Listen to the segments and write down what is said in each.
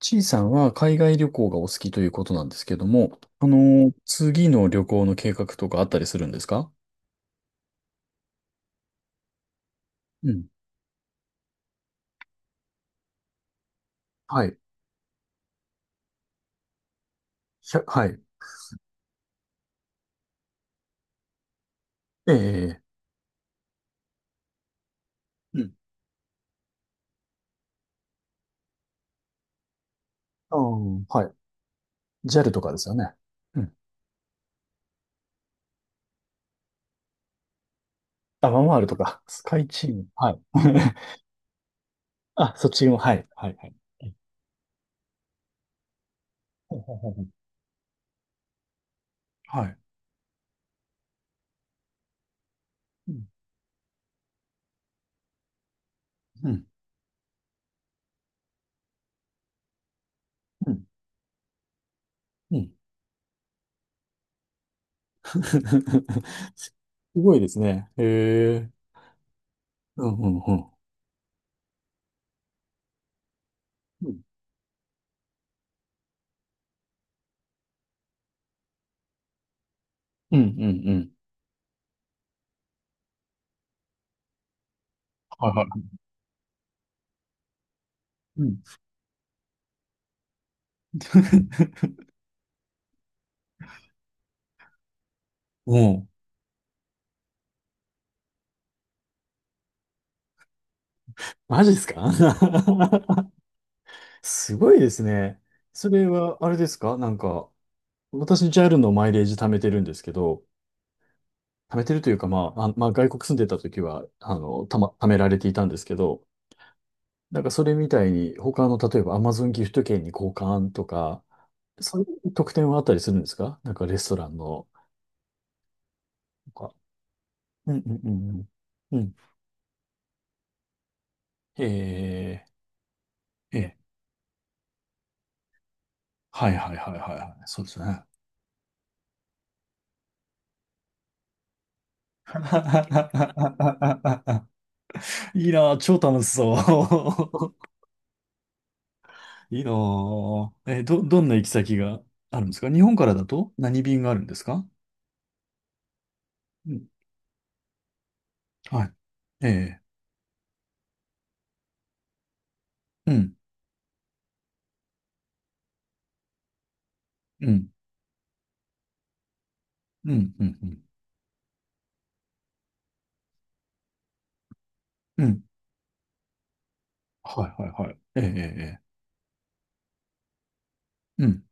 ちいさんは海外旅行がお好きということなんですけども、次の旅行の計画とかあったりするんですか？うん。はい。ひゃはい。ええ、うん。ああはい。ジ a ルとかですよね。うん。あ、ワンワールドか。スカイチーム。はい。あ、そっちも、はい。はい。はい。ほうほうほうほうはい。うんうんうん。うん すごいですね。へえ。うんうんうん。うんうんうん。はいはい。うん。もうマジですか？ すごいですね。それは、あれですかなんか、私、JAL のマイレージ貯めてるんですけど、貯めてるというか、まあ、あ、まあ、外国住んでた時は、貯められていたんですけど、なんかそれみたいに、他の、例えば Amazon ギフト券に交換とか、そういう特典はあったりするんですか？なんかレストランの、とか。うんうんうんうん。うん。ええええはいはいはいはいはい。そうですね。いいなぁ、超楽しそう。いいなぁ。どんな行き先があるんですか？日本からだと何便があるんですか？うん。はい。ええ。うん。うん。うん。うん。うん。うんはいはいはい。ええ。ええええうん。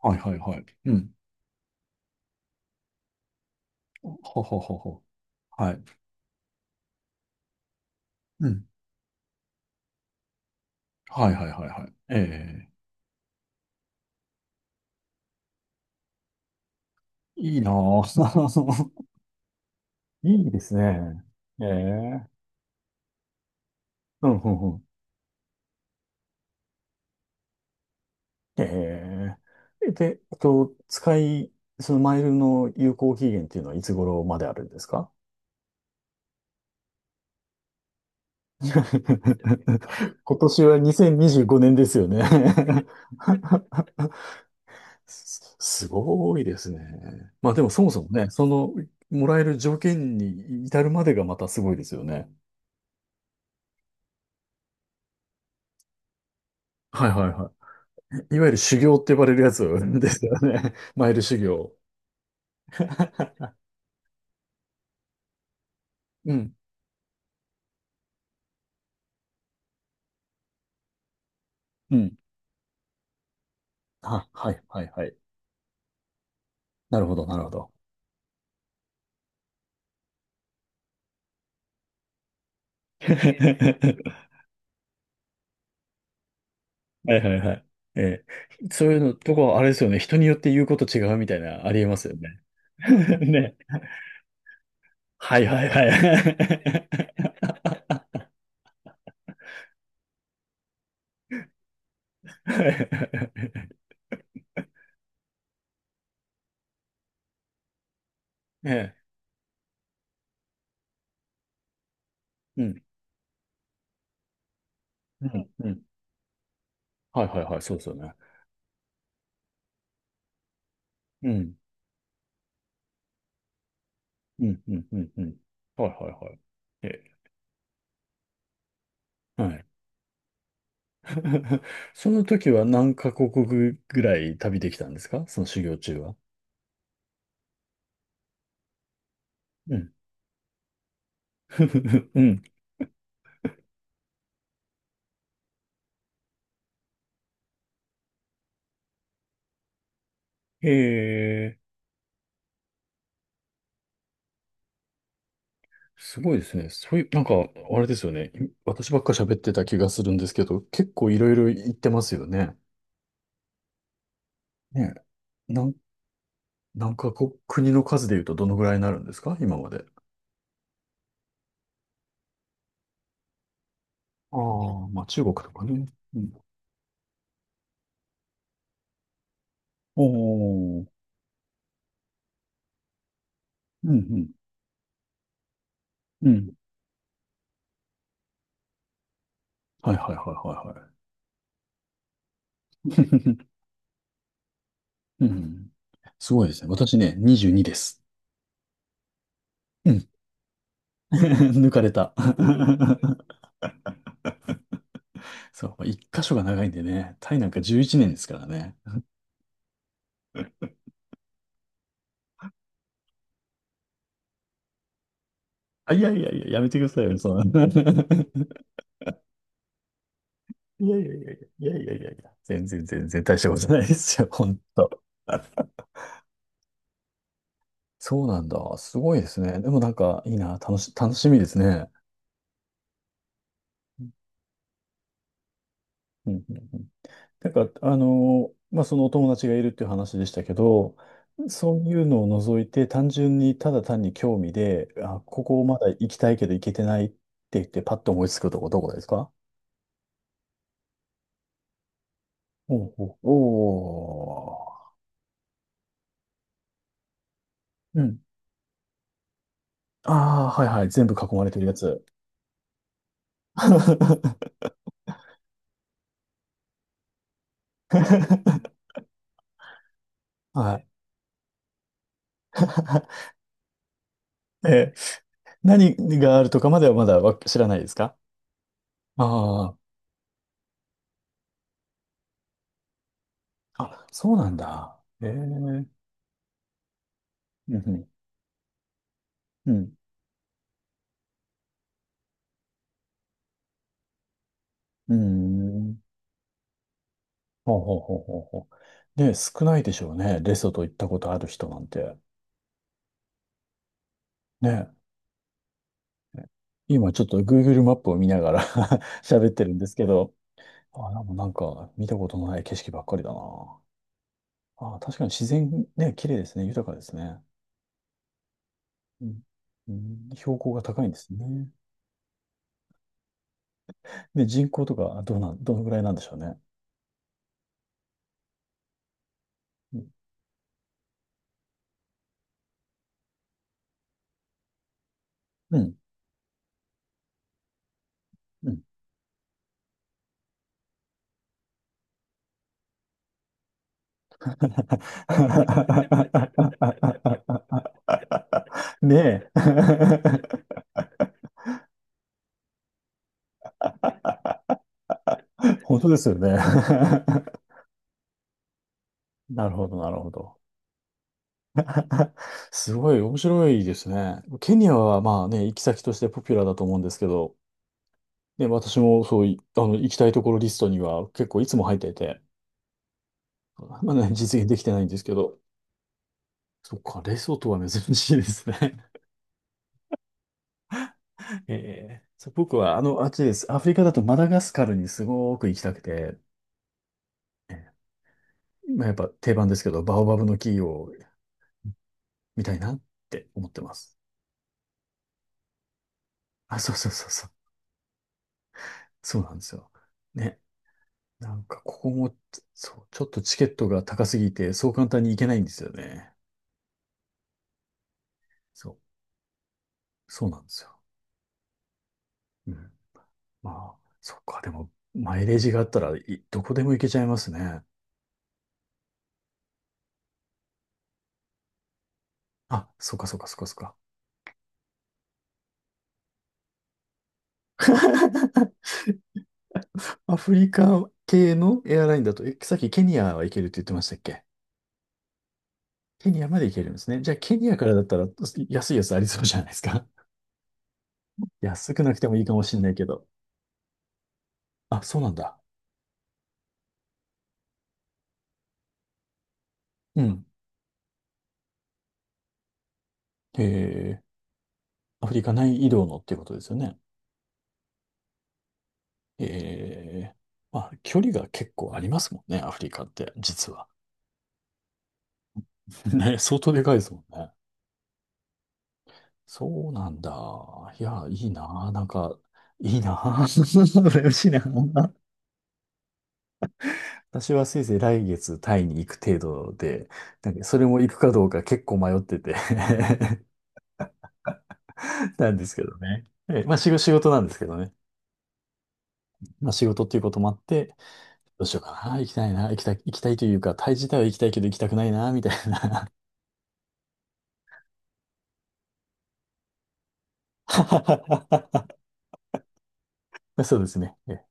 はいはいはい。うん。ほほほほ。はい。うん。はいはいはいはい。ええ。いいなぁ。いいですね。ええ。うん、うん、うんええで、そのマイルの有効期限っていうのはいつ頃まであるんですか？ 今年は2025年ですよね？ すすごいですね。まあでもそもそもね、その、もらえる条件に至るまでがまたすごいですよね。はいはいはい。いわゆる修行って呼ばれるやつですよね。マイル修行。うん。うん。あ、はいはいはい。なるほどなるほど。はいはいはい。ええ、そういうのとこ、あれですよね。人によって言うこと違うみたいな、ありえますよね。ね。はいはいはい。ね。うん。うん。うん。はいはいはい。そうですよね。うん。うん。うん。うん。うん。はいはいはい。ええ、はい。その時は何カ国ぐらい旅できたんですか？その修行中は。うん。うん。へえ。すごいですね。そういう、なんか、あれですよね。私ばっか喋ってた気がするんですけど、結構いろいろ言ってますよね。ねえ。なんかこう、国の数で言うとどのぐらいになるんですか？今まで。ああ、まあ中国とかね。うん。おー。うん、うん、うん。はいはいはいはいはい。うん。すごいですね。私ね、22です。うん。抜かれた。そう、一箇所が長いんでね、タイなんか11年ですからね。あ、いやいやいや、やめてくださいよ、そんな。いやいやいやいや、いやいやいやいや、全然全然大したことないですよ、ほんと。そうなんだ。すごいですね。でもなんか、いいな、楽しみですね。うんうんうんなんか、まあ、そのお友達がいるっていう話でしたけど、そういうのを除いて、単純にただ単に興味で、あ、ここまだ行きたいけど行けてないって言って、パッと思いつくとこどこですか？おうおう、おううん。ああ、はいはい。全部囲まれてるやつ。はい。えー、何があるとかまではまだ知らないですか？ああ、あ、そうなんだ。ええうんうん、うん、うん。ほうほうほうほうほう。ね、少ないでしょうね。レソト行ったことある人なんて。ね。今ちょっと Google マップを見ながら 喋ってるんですけど、あ、なんかなんか見たことのない景色ばっかりだな。あ、確かに自然ね、綺麗ですね。豊かですね。うん、うん標高が高いんですね。で、人口とかどうなん、どのぐらいなんでしょうね。うん。うん。ねえ。本当ですよね。なるほど、なるほど。すごい面白いですね。ケニアはまあね、行き先としてポピュラーだと思うんですけど、ね、私もそうい、あの、行きたいところリストには結構いつも入っていて、まだね、実現できてないんですけど、そっか、レソトは珍しいですね。ええそう僕は、あの、あっちです。アフリカだとマダガスカルにすごく行きたくて、ええまあ、やっぱ定番ですけど、バオバブの木を見たいなって思ってます。あ、そうそうそうそう。そうなんですよ。ね。なんか、ここも、そう、ちょっとチケットが高すぎて、そう簡単に行けないんですよね。そう、そうなんですよ。うん。まあ、そっか、でも、マイレージがあったらどこでも行けちゃいますね。あ、そっかそっかそっかそっか。アフリカ系のエアラインだと、え、さっきケニアは行けるって言ってましたっけ？ケニアまで行けるんですね。じゃあ、ケニアからだったら安いやつありそうじゃないですか？安くなくてもいいかもしれないけど。あ、そうなんだ。うん。へえ、アフリカ内移動のっていうことですよね？へえ、まあ、距離が結構ありますもんね、アフリカって、実は。ね、相当でかいですもんね。そうなんだ。いや、いいな。なんか、いいな。嬉しいな。私はせいぜい来月タイに行く程度で、なんかそれも行くかどうか結構迷っててなんですけどね。ええ、まあ仕事なんですけどね。まあ仕事っていうこともあって、どうしようかな、行きたいな、行きたいというか、タイ自体は行きたいけど行きたくないな、みたいな。そうですね。ええ